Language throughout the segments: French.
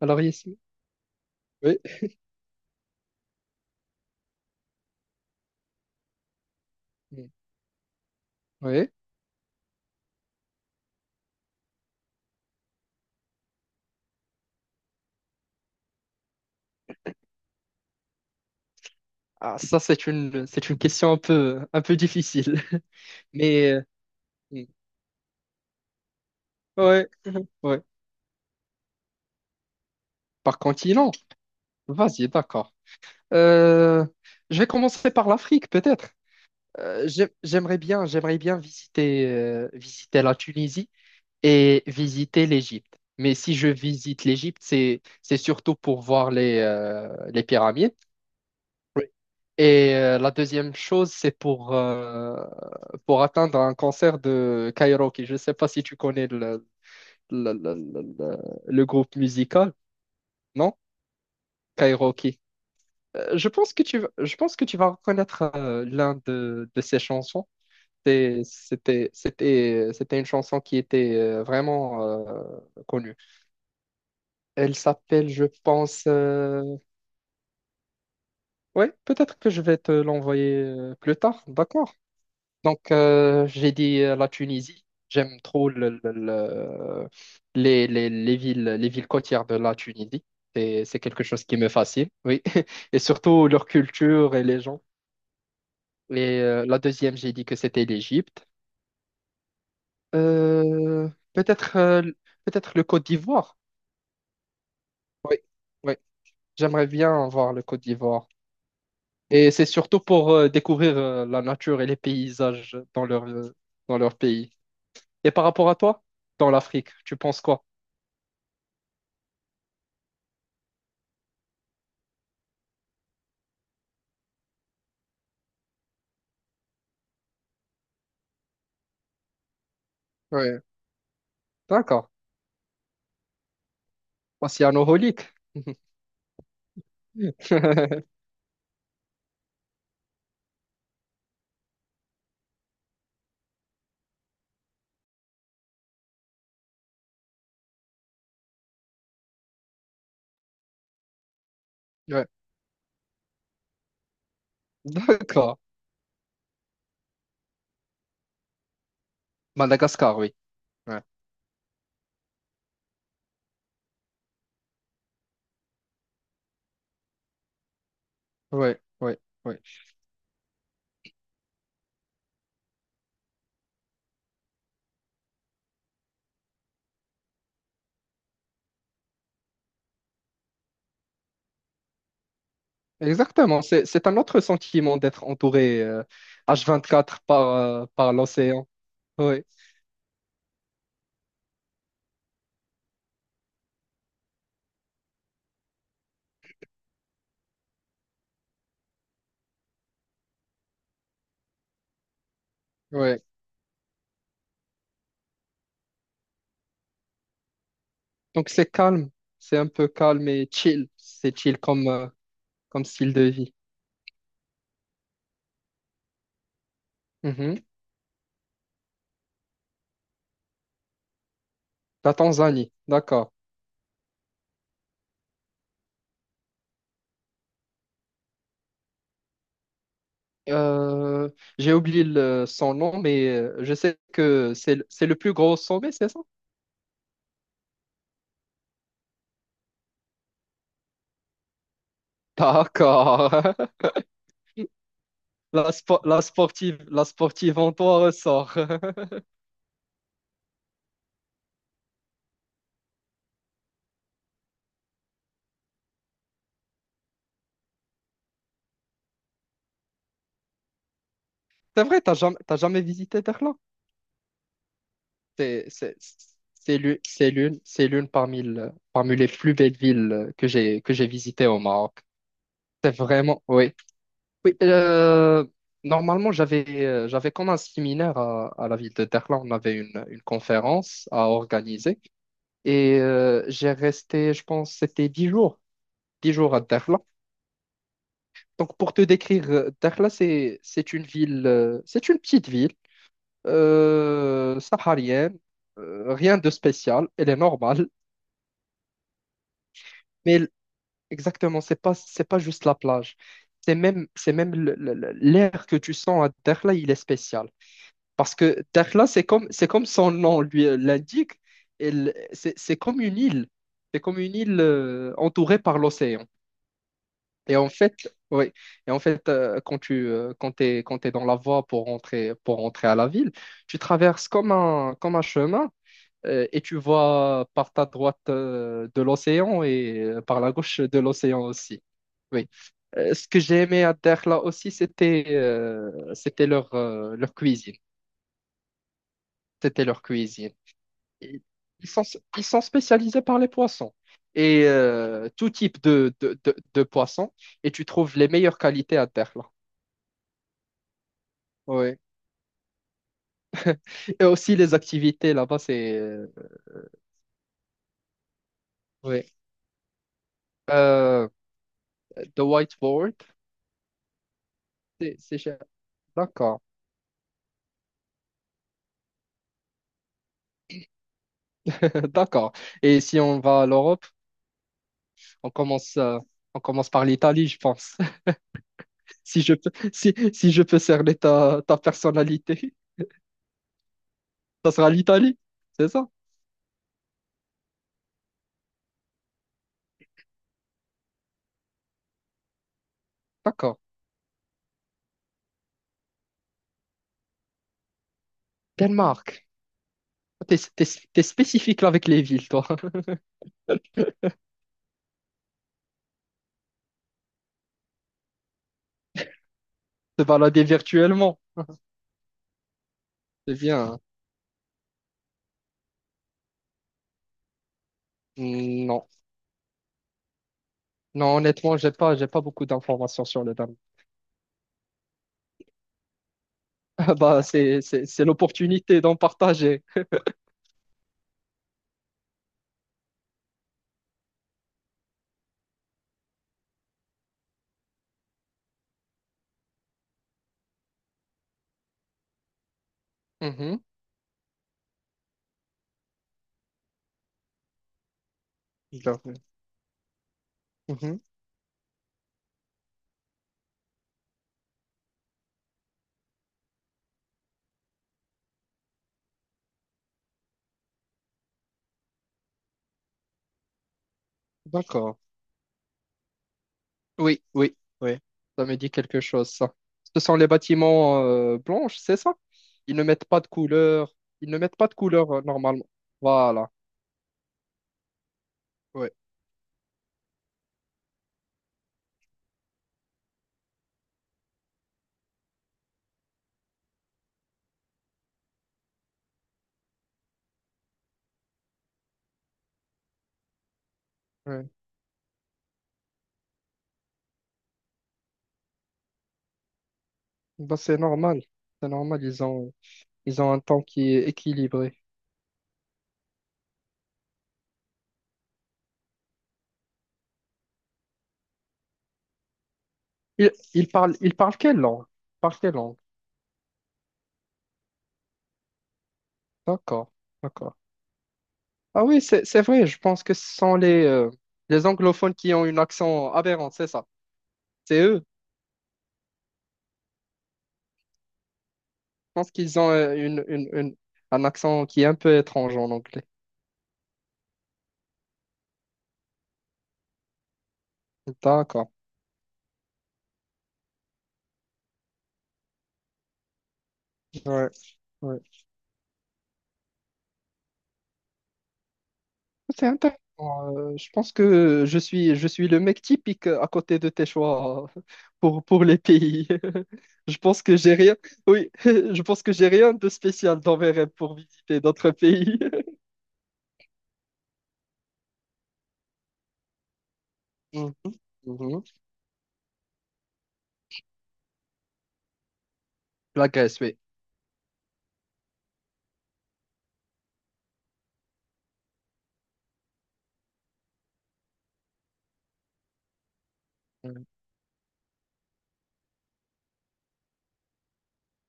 Alors, Yasmine. Oui, mm, oui. Ah, ça, c'est une question un peu difficile. Mais, mm, ouais, Mhm. Ouais. Par continent, vas-y, d'accord. Euh, je vais commencer par l'Afrique, peut-être. J'aimerais bien visiter la Tunisie et visiter l'Égypte. Mais si je visite l'Égypte, c'est surtout pour voir les pyramides. Et la deuxième chose, c'est pour atteindre un cancer de Kairoki. Je ne sais pas si tu connais le, le, le- le- le groupe musical, non? Kairoki. Je pense que tu vas reconnaître l'un de ces chansons. C'était une chanson qui était vraiment connue. Elle s'appelle, je pense. Ouais, peut-être que je vais te l'envoyer plus tard, d'accord? Donc, j'ai dit la Tunisie. J'aime trop le- les villes côtières de la Tunisie. C'est quelque chose qui me fascine, oui. Et surtout leur culture et les gens. Et la deuxième, j'ai dit que c'était l'Égypte. Euh, peut-être euh, peut-être le Côte d'Ivoire. Oui, oui. J'aimerais bien voir le Côte d'Ivoire. Et c'est surtout pour découvrir la nature et les paysages dans leur pays. Et par rapport à toi, dans l'Afrique, tu penses quoi? Ouais, d'accord. Océanoholique. Ouais, d'accord. Madagascar, oui. Ouais, ouais, ouais, ouais. Exactement. C'est un autre sentiment d'être entouré, H24 par l'océan. Ouais, ouais. Donc c'est calme. C'est un peu calme et chill. C'est chill comme style de vie. Mhm. La Tanzanie, d'accord. Euh, j'ai oublié son nom, mais je sais que c'est le plus gros sommet, c'est ça? D'accord. La sportive en toi ressort. C'est vrai, t'as jamais visité Berlin. C'est, c'est, c'est l'une parmi les plus belles villes que j'ai visitées au Maroc. C'est vraiment, oui. Oui, normalement, j'avais comme un séminaire à la ville de Berlin. On avait une conférence à organiser. Et j'ai resté, je pense, c'était 10 jours, 10 jours à Berlin. Donc, pour te décrire, Dakhla, c'est une ville, c'est une petite ville saharienne, rien de spécial, elle est normale, mais exactement, c'est pas juste la plage. C'est même l'air que tu sens à Dakhla, il est spécial. Parce que Dakhla, c'est comme son nom lui l'indique, c'est comme une île, entourée par l'océan. Et en fait, oui. Et en fait, quand t'es dans la voie pour rentrer à la ville, tu traverses comme un chemin, et tu vois par ta droite de l'océan et par la gauche de l'océan aussi. Oui. Ce que j'ai aimé à Dakhla aussi, c'était leur cuisine. C'était leur cuisine. Et Ils sont, ils sont spécialisés par les poissons. Et tout type de poissons. Et tu trouves les meilleures qualités à Dakhla. Ouais. Et aussi les activités là-bas, c'est. Ouais. Euh, The whiteboard, c'est cher. D'accord. D'accord. Et si on va à l'Europe, on commence, euh, on commence par l'Italie, je pense. Si je peux cerner ta personnalité, ça sera l'Italie. C'est ça? D'accord. Danemark. T'es, t'es, t'es spécifique là avec les villes, toi. Te balader virtuellement. C'est bien, hein. Non. Non, honnêtement, j'ai pas beaucoup d'informations sur le Danemark. Ah bah, c'est l'opportunité d'en partager. Mhm. Tout à fait. Mhm. D'accord. Oui, oui, oui. Ça me dit quelque chose, ça. Ce sont les bâtiments, blanches, c'est ça? Ils ne mettent pas de couleur. Ils ne mettent pas de couleur, normalement. Voilà. Ouais, ouais. Bah, c'est normal. C'est normal. Ils ont un temps qui est équilibré. Ils parlent quelle langue? Ils parlent quelle langue? D'accord. D'accord. Ah oui, c'est vrai. Je pense que ce sont les anglophones qui ont un accent aberrant, c'est ça? C'est eux. Je pense qu'ils ont un accent qui est un peu étrange en anglais. D'accord. Ouais. Ouais. C'est intéressant. Je pense que je suis le mec typique à côté de tes choix, pour les pays. Je pense que j'ai rien. Oui, je pense que j'ai rien de spécial dans mes rêves pour visiter d'autres pays. Mhm. Mhm. La Grèce, oui. Ouais.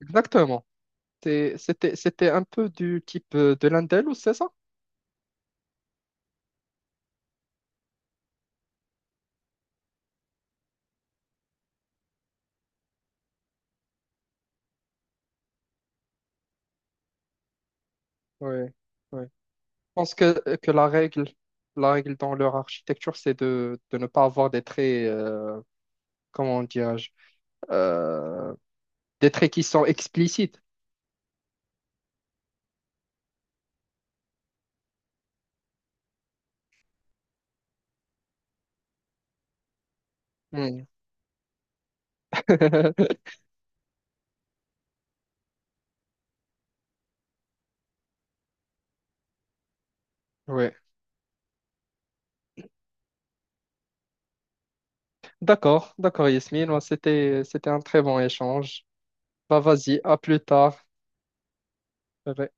Exactement. C'était un peu du type, de l'Indel, ou c'est ça? Oui, oui. Je pense que la règle dans leur architecture, c'est de ne pas avoir des traits, comment dirais-je, euh, des traits qui sont explicites. Oui. D'accord, d'accord Yasmine. Ouais, c'était un très bon échange. Bah vas-y, à plus tard. Bye bye.